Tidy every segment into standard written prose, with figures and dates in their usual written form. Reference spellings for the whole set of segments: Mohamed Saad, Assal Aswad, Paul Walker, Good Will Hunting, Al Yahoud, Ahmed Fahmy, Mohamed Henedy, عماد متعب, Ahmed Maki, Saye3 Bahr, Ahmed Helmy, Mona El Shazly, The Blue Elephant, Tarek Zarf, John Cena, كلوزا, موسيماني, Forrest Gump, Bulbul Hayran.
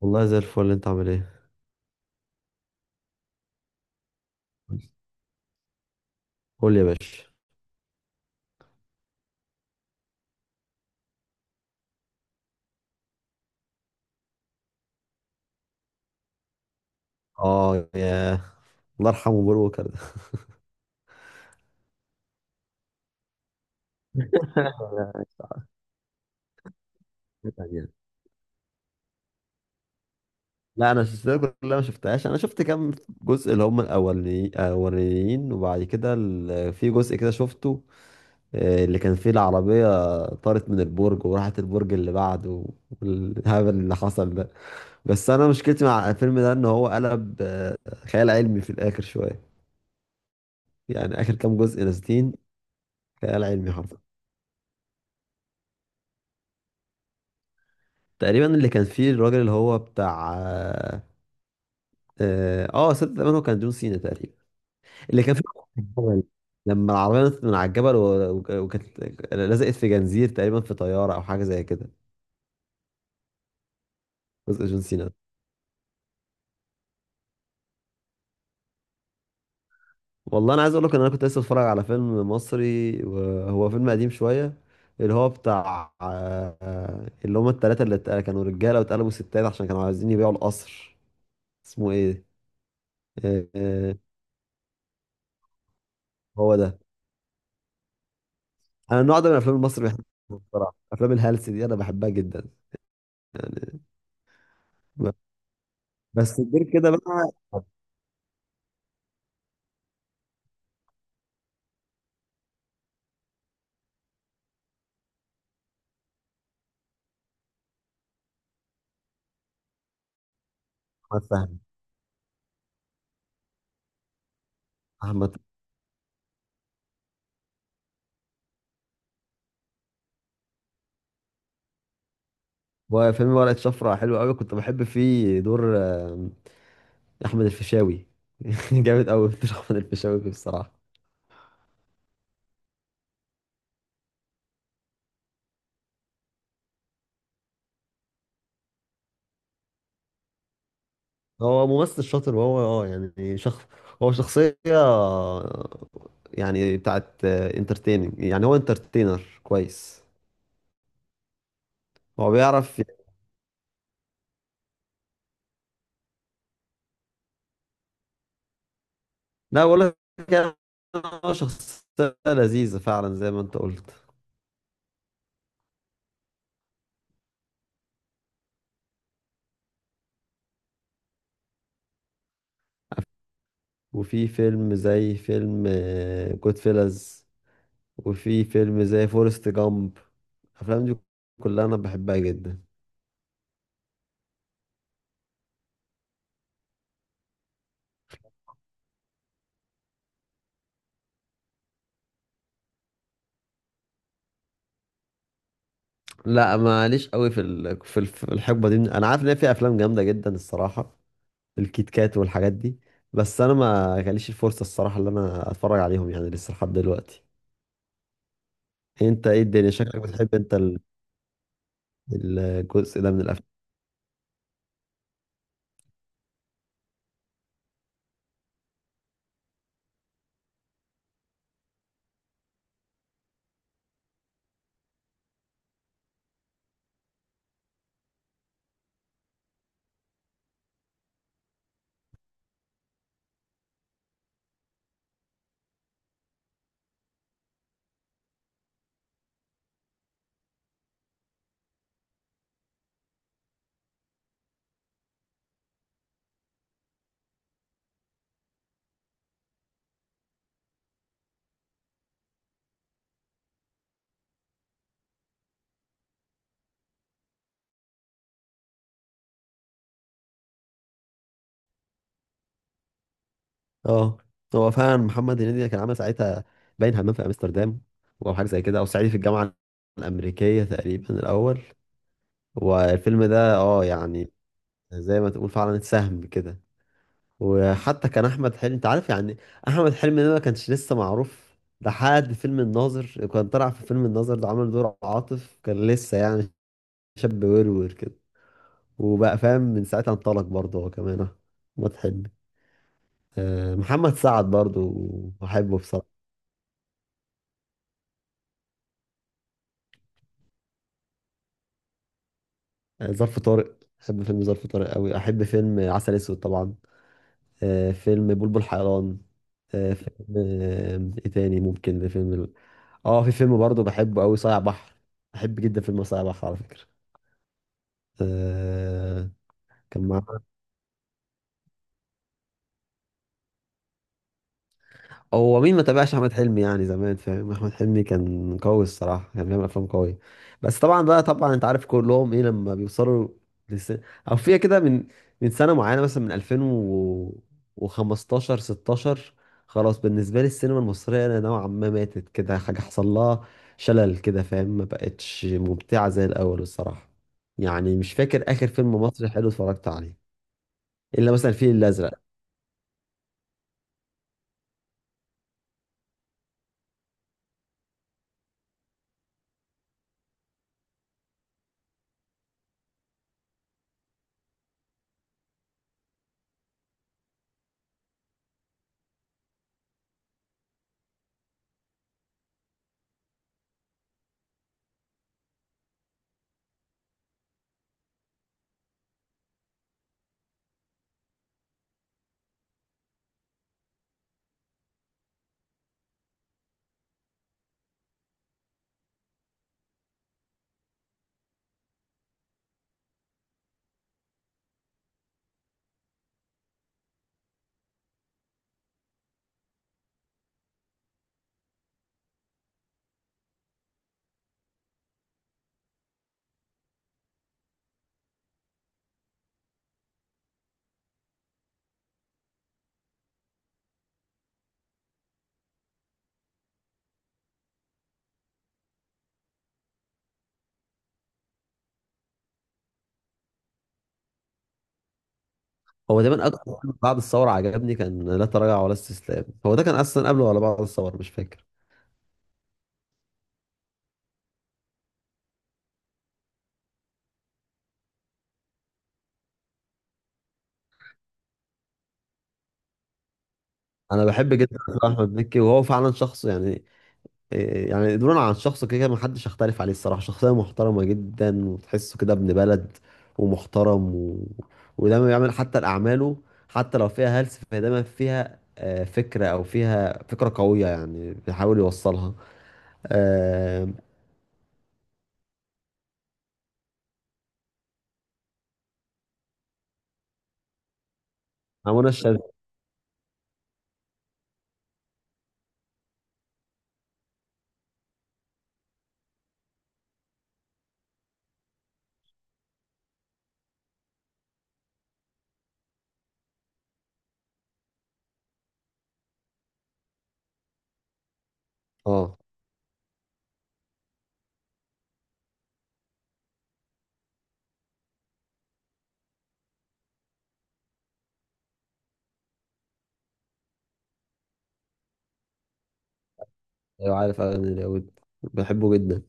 والله زي الفل، انت عامل ايه؟ قول لي يا باشا. اه، ياه، الله يرحمه بول ووكر ده. يعني. لا، انا السلسله كلها ما شفتهاش، انا شفت كام جزء اللي هم الاولين، وبعد كده في جزء كده شفته. اللي كان فيه العربيه طارت من البرج وراحت البرج اللي بعده، والهبل اللي حصل ده. بس انا مشكلتي مع الفيلم ده ان هو قلب خيال علمي في الاخر شويه. يعني اخر كام جزء نازلين خيال علمي حرفيا. تقريبا اللي كان فيه الراجل اللي هو بتاع، صدق تقريبا هو كان جون سينا تقريبا. اللي كان فيه الجبل. لما العربية نطت من على الجبل وكانت لزقت في جنزير تقريبا في طيارة أو حاجة زي كده، جزء جون سينا ده. والله أنا عايز أقول لك إن أنا كنت لسه بتفرج على فيلم مصري، وهو فيلم قديم شوية، اللي هو بتاع، اللي هما التلاتة كانوا رجالة واتقلبوا ستات عشان كانوا عايزين يبيعوا القصر. اسمه إيه؟ آه، آه، هو ده. انا النوع ده من الافلام المصري بحبه. بصراحه افلام الهلس دي انا بحبها جدا يعني. ب- بس غير كده بقى. احمد فهمي. احمد وفيلم ورقه شفره حلو قوي، كنت بحب فيه دور، احمد الفيشاوي. جامد قوي دور احمد الفيشاوي فيه بصراحه. هو ممثل شاطر، وهو يعني هو شخصيه يعني بتاعت انترتيننج، يعني هو انترتينر كويس. هو بيعرف. لا، بقول لك يعني، هو شخصيه لذيذه فعلا زي ما انت قلت. وفي فيلم زي فيلم جود فيلز، وفي فيلم زي فورست جامب، الافلام دي كلها انا بحبها جدا. لا، ماليش قوي في الحقبه دي. انا عارف ان هي في افلام جامده جدا الصراحه، الكيت كات والحاجات دي، بس انا ما جاليش الفرصه الصراحه اللي انا اتفرج عليهم يعني لسه لحد دلوقتي. انت ايه؟ الدنيا شكلك بتحب انت الجزء ده من الافلام. اه، هو فعلا محمد هنيدي كان عامل ساعتها، باين همام في امستردام او حاجه زي كده، او صعيدي في الجامعه الامريكيه تقريبا الاول. والفيلم ده يعني زي ما تقول فعلا اتسهم كده. وحتى كان احمد حلمي، انت عارف يعني احمد حلمي ده ما كانش لسه معروف لحد فيلم الناظر. كان طلع في فيلم الناظر ده عامل دور عاطف، كان لسه يعني شاب ورور كده، وبقى فاهم من ساعتها انطلق برضه هو كمان، احمد حلمي. محمد سعد برضه بحبه بصراحه. ظرف طارق، احب فيلم ظرف طارق قوي، احب فيلم عسل اسود طبعا، فيلم بلبل حيران، آه، فيلم آه، ايه تاني ممكن؟ فيلم ال- اه في فيلم برضه بحبه قوي، صايع بحر. بحب جدا فيلم صايع بحر على فكرة. آه، كان مع. هو مين ما تابعش احمد حلمي يعني؟ زمان فاهم احمد حلمي كان قوي الصراحه، كان بيعمل افلام قويه. بس طبعا بقى، انت عارف كلهم ايه لما بيوصلوا لس... او فيها كده من سنه معينه، مثلا من 2015 16، خلاص بالنسبه لي السينما المصريه انا نوعا ما ماتت، كده حاجه حصل لها شلل كده فاهم، ما بقتش ممتعه زي الاول الصراحه. يعني مش فاكر اخر فيلم مصري حلو اتفرجت عليه الا مثلا الفيل الازرق. هو دايما اكتر فيلم بعد الثوره عجبني كان لا تراجع ولا استسلام. هو ده كان اصلا قبله ولا بعد الثوره؟ مش فاكر. انا بحب جدا أفلام احمد مكي، وهو فعلا شخص يعني إيه يعني؟ دون عن شخصه، كده كده محدش يختلف عليه الصراحه. شخصيه محترمه جدا، وتحسه كده ابن بلد، ومحترم، ودايما بيعمل حتى الاعماله حتى لو فيها هلس، فهي دايما فيها فكره، او فيها فكره قويه يعني بيحاول يوصلها. آه، منى الشاذلي. اه، ايوه عارف، أنا اليهود بحبه جدا.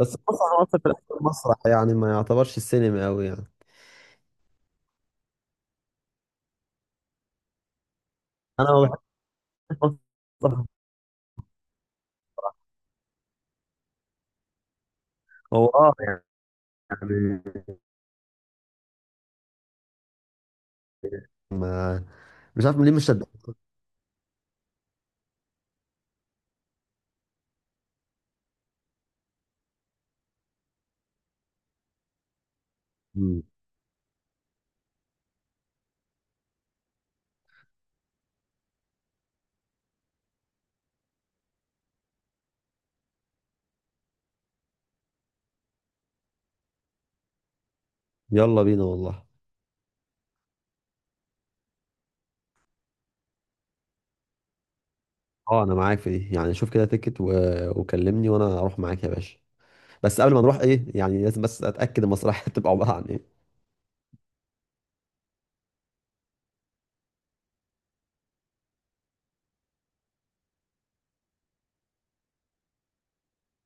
بس المسرح مصر في الأول مسرح، يعني ما يعتبرش السينما أوي يعني. أنا ما بحبش المسرح. هو يعني ما مش عارف ليه، مش شد. مم. يلا بينا والله. أه، أنا معاك في دي، يعني شوف كده تيكت وكلمني وأنا أروح معاك يا باشا. بس قبل ما نروح إيه، يعني لازم بس أتأكد المسرحية تبقى عبارة عن إيه.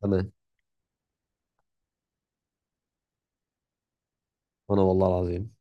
تمام. وأنا والله العظيم.